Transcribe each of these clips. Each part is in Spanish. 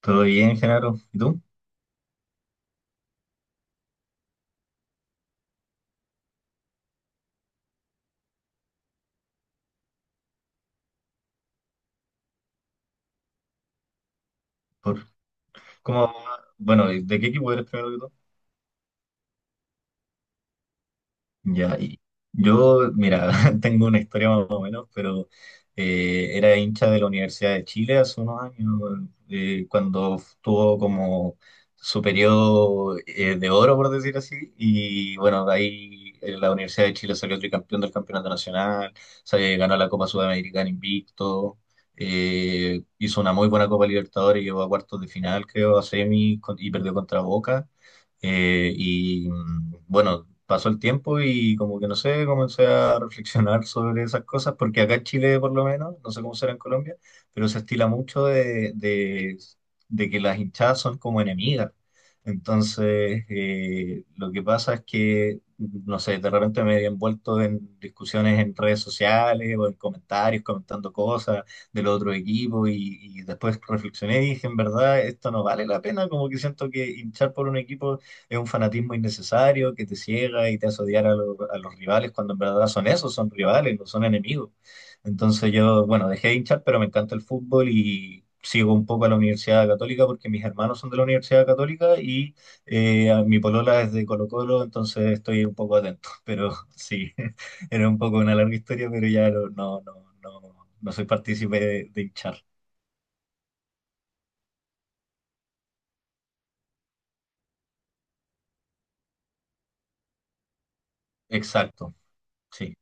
Todo bien, Genaro. ¿Y tú? ¿Por, cómo, bueno, ¿de qué equipo eres primero que? Ya, y yo, mira, tengo una historia más o menos, pero era hincha de la Universidad de Chile hace unos años, cuando tuvo como su periodo de oro, por decir así. Y bueno, de ahí la Universidad de Chile salió tricampeón del Campeonato Nacional, se ganó la Copa Sudamericana invicto. Hizo una muy buena Copa Libertadores, llegó a cuartos de final, creo, a y perdió contra Boca. Bueno, pasó el tiempo y como que no sé, comencé a reflexionar sobre esas cosas, porque acá en Chile por lo menos, no sé cómo será en Colombia, pero se estila mucho de que las hinchadas son como enemigas. Entonces, lo que pasa es que, no sé, de repente me he envuelto en discusiones en redes sociales o en comentarios, comentando cosas del otro equipo y después reflexioné y dije, en verdad, esto no vale la pena. Como que siento que hinchar por un equipo es un fanatismo innecesario que te ciega y te hace odiar a, a los rivales, cuando en verdad son esos, son rivales, no son enemigos. Entonces yo, bueno, dejé de hinchar, pero me encanta el fútbol y sigo un poco a la Universidad Católica porque mis hermanos son de la Universidad Católica, y mi polola es de Colo-Colo, entonces estoy un poco atento. Pero sí, era un poco una larga historia, pero ya no soy partícipe de hinchar. Exacto, sí.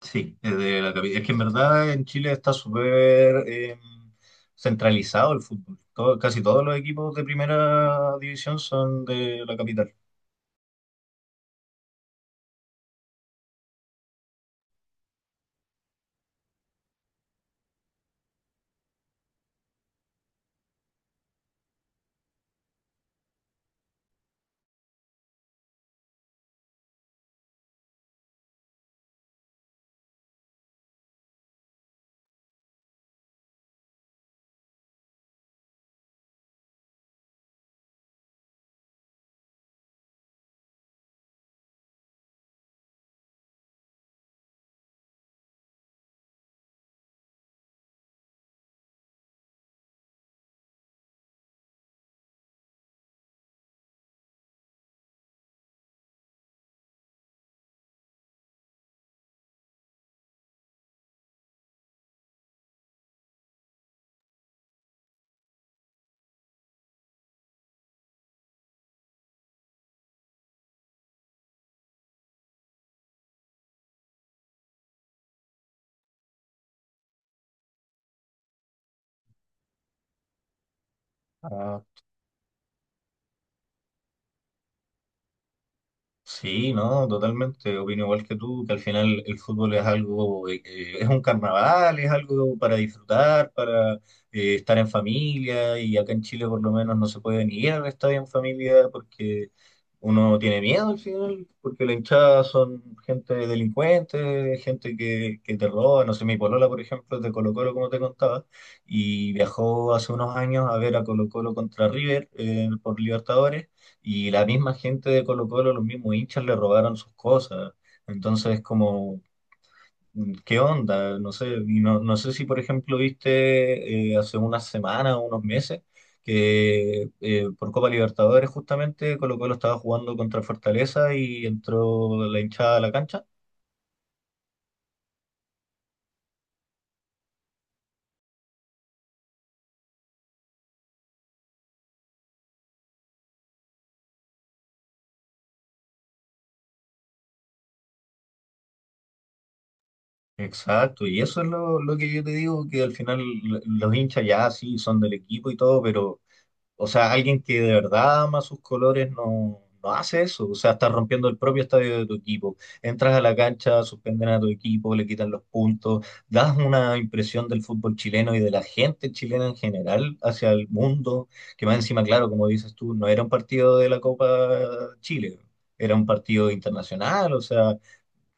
Sí, es de la capital. Es que en verdad en Chile está súper centralizado el fútbol. Casi todos los equipos de primera división son de la capital. Ah. Sí, no, totalmente. Opino igual que tú, que al final el fútbol es algo, es un carnaval, es algo para disfrutar, para estar en familia. Y acá en Chile, por lo menos, no se puede ni ir al estadio en familia porque uno tiene miedo al final, porque la hinchada son gente delincuente, gente que te roba. No sé, mi polola, por ejemplo, es de Colo-Colo, como te contaba, y viajó hace unos años a ver a Colo-Colo contra River por Libertadores, y la misma gente de Colo Colo, los mismos hinchas le robaron sus cosas. Entonces, como, ¿qué onda? No sé, y no, no sé si, por ejemplo, viste hace unas semanas o unos meses que por Copa Libertadores justamente Colo Colo estaba jugando contra Fortaleza y entró la hinchada a la cancha. Exacto, y eso es lo que yo te digo, que al final los hinchas ya sí son del equipo y todo, pero o sea, alguien que de verdad ama sus colores no, no hace eso. O sea, estás rompiendo el propio estadio de tu equipo. Entras a la cancha, suspenden a tu equipo, le quitan los puntos, das una impresión del fútbol chileno y de la gente chilena en general hacia el mundo, que más encima, claro, como dices tú, no era un partido de la Copa Chile, era un partido internacional. O sea,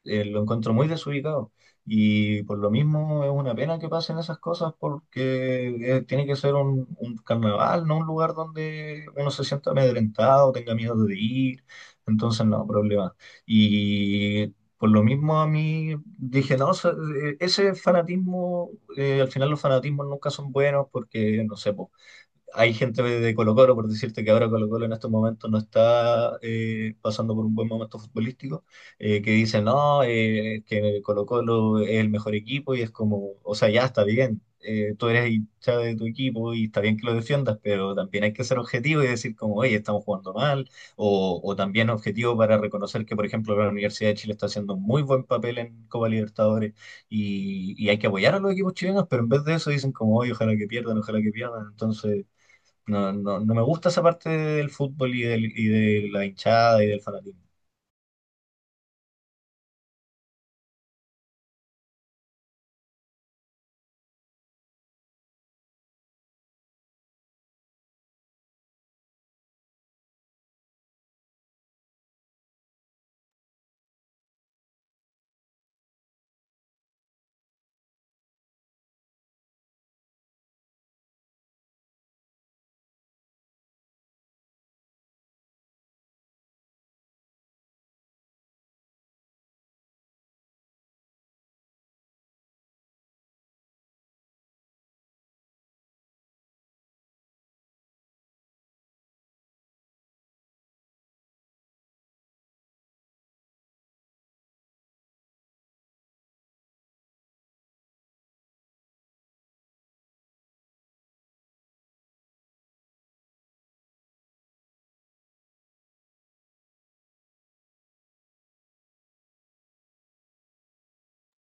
lo encuentro muy desubicado. Y por lo mismo es una pena que pasen esas cosas, porque tiene que ser un carnaval, no un lugar donde uno se sienta amedrentado, tenga miedo de ir. Entonces, no, problema. Y por lo mismo a mí dije, no, se- ese fanatismo, al final los fanatismos nunca son buenos porque, no sé, pues, hay gente de Colo Colo, por decirte que ahora Colo Colo en estos momentos no está pasando por un buen momento futbolístico, que dicen, no, que Colo Colo es el mejor equipo y es como, o sea, ya está bien, tú eres hincha de tu equipo y está bien que lo defiendas, pero también hay que ser objetivo y decir como, oye, estamos jugando mal, o también objetivo para reconocer que, por ejemplo, la Universidad de Chile está haciendo un muy buen papel en Copa Libertadores, y hay que apoyar a los equipos chilenos, pero en vez de eso dicen como, oye, ojalá que pierdan, entonces... No, no, no me gusta esa parte del fútbol y, y de la hinchada y del fanatismo.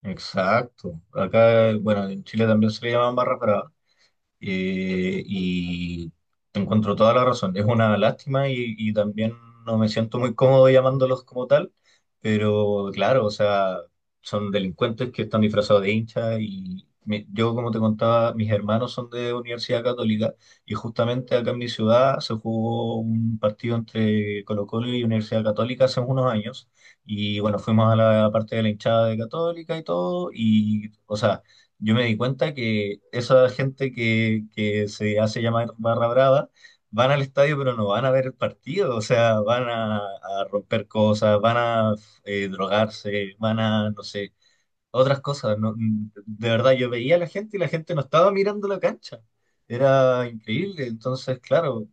Exacto. Acá, bueno, en Chile también se le llaman barras. Y te encuentro toda la razón. Es una lástima, y también no me siento muy cómodo llamándolos como tal, pero claro, o sea, son delincuentes que están disfrazados de hinchas. Y yo, como te contaba, mis hermanos son de Universidad Católica y justamente acá en mi ciudad se jugó un partido entre Colo-Colo y Universidad Católica hace unos años, y bueno, fuimos a la parte de la hinchada de Católica y todo, y, o sea, yo me di cuenta que esa gente que se hace llamar barra brava van al estadio pero no van a ver el partido. O sea, van a romper cosas, van a drogarse, van a, no sé, otras cosas. No, de verdad, yo veía a la gente y la gente no estaba mirando la cancha. Era increíble. Entonces, claro,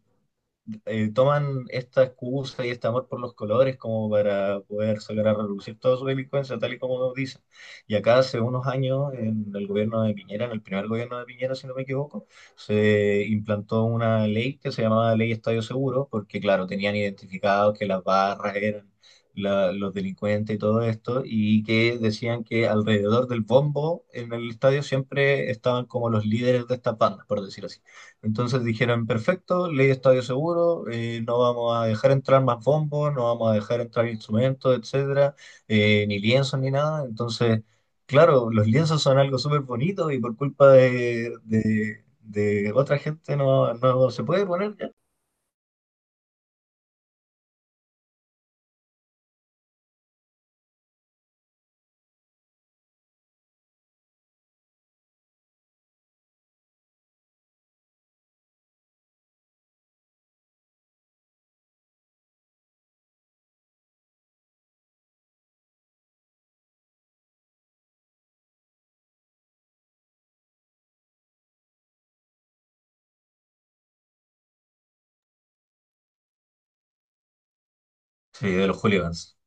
toman esta excusa y este amor por los colores como para poder sacar a relucir toda su delincuencia, tal y como dicen. Y acá hace unos años, en el gobierno de Piñera, en el primer gobierno de Piñera, si no me equivoco, se implantó una ley que se llamaba Ley Estadio Seguro, porque claro, tenían identificado que las barras eran los delincuentes y todo esto, y que decían que alrededor del bombo en el estadio siempre estaban como los líderes de estas bandas, por decir así. Entonces dijeron, perfecto, ley de estadio seguro, no vamos a dejar entrar más bombos, no vamos a dejar entrar instrumentos, etcétera, ni lienzos ni nada. Entonces, claro, los lienzos son algo súper bonito y por culpa de, de otra gente no, no se puede poner ya. Sí, de los hooligans.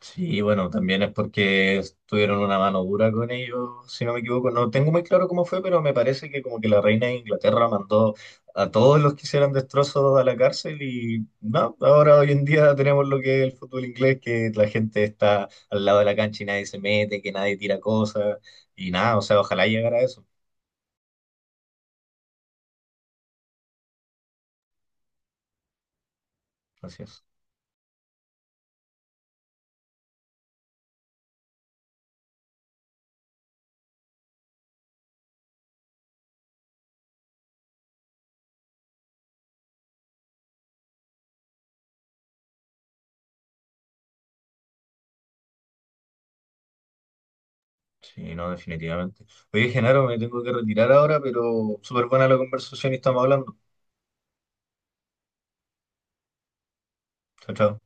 Sí, bueno, también es porque tuvieron una mano dura con ellos, si no me equivoco. No tengo muy claro cómo fue, pero me parece que como que la reina de Inglaterra mandó a todos los que hicieran destrozos a la cárcel, y no, ahora hoy en día tenemos lo que es el fútbol inglés, que la gente está al lado de la cancha y nadie se mete, que nadie tira cosas y nada, o sea, ojalá llegara a eso. Así es. Sí, no, definitivamente. Oye, Genaro, me tengo que retirar ahora, pero súper buena la conversación y estamos hablando. Chao, chao.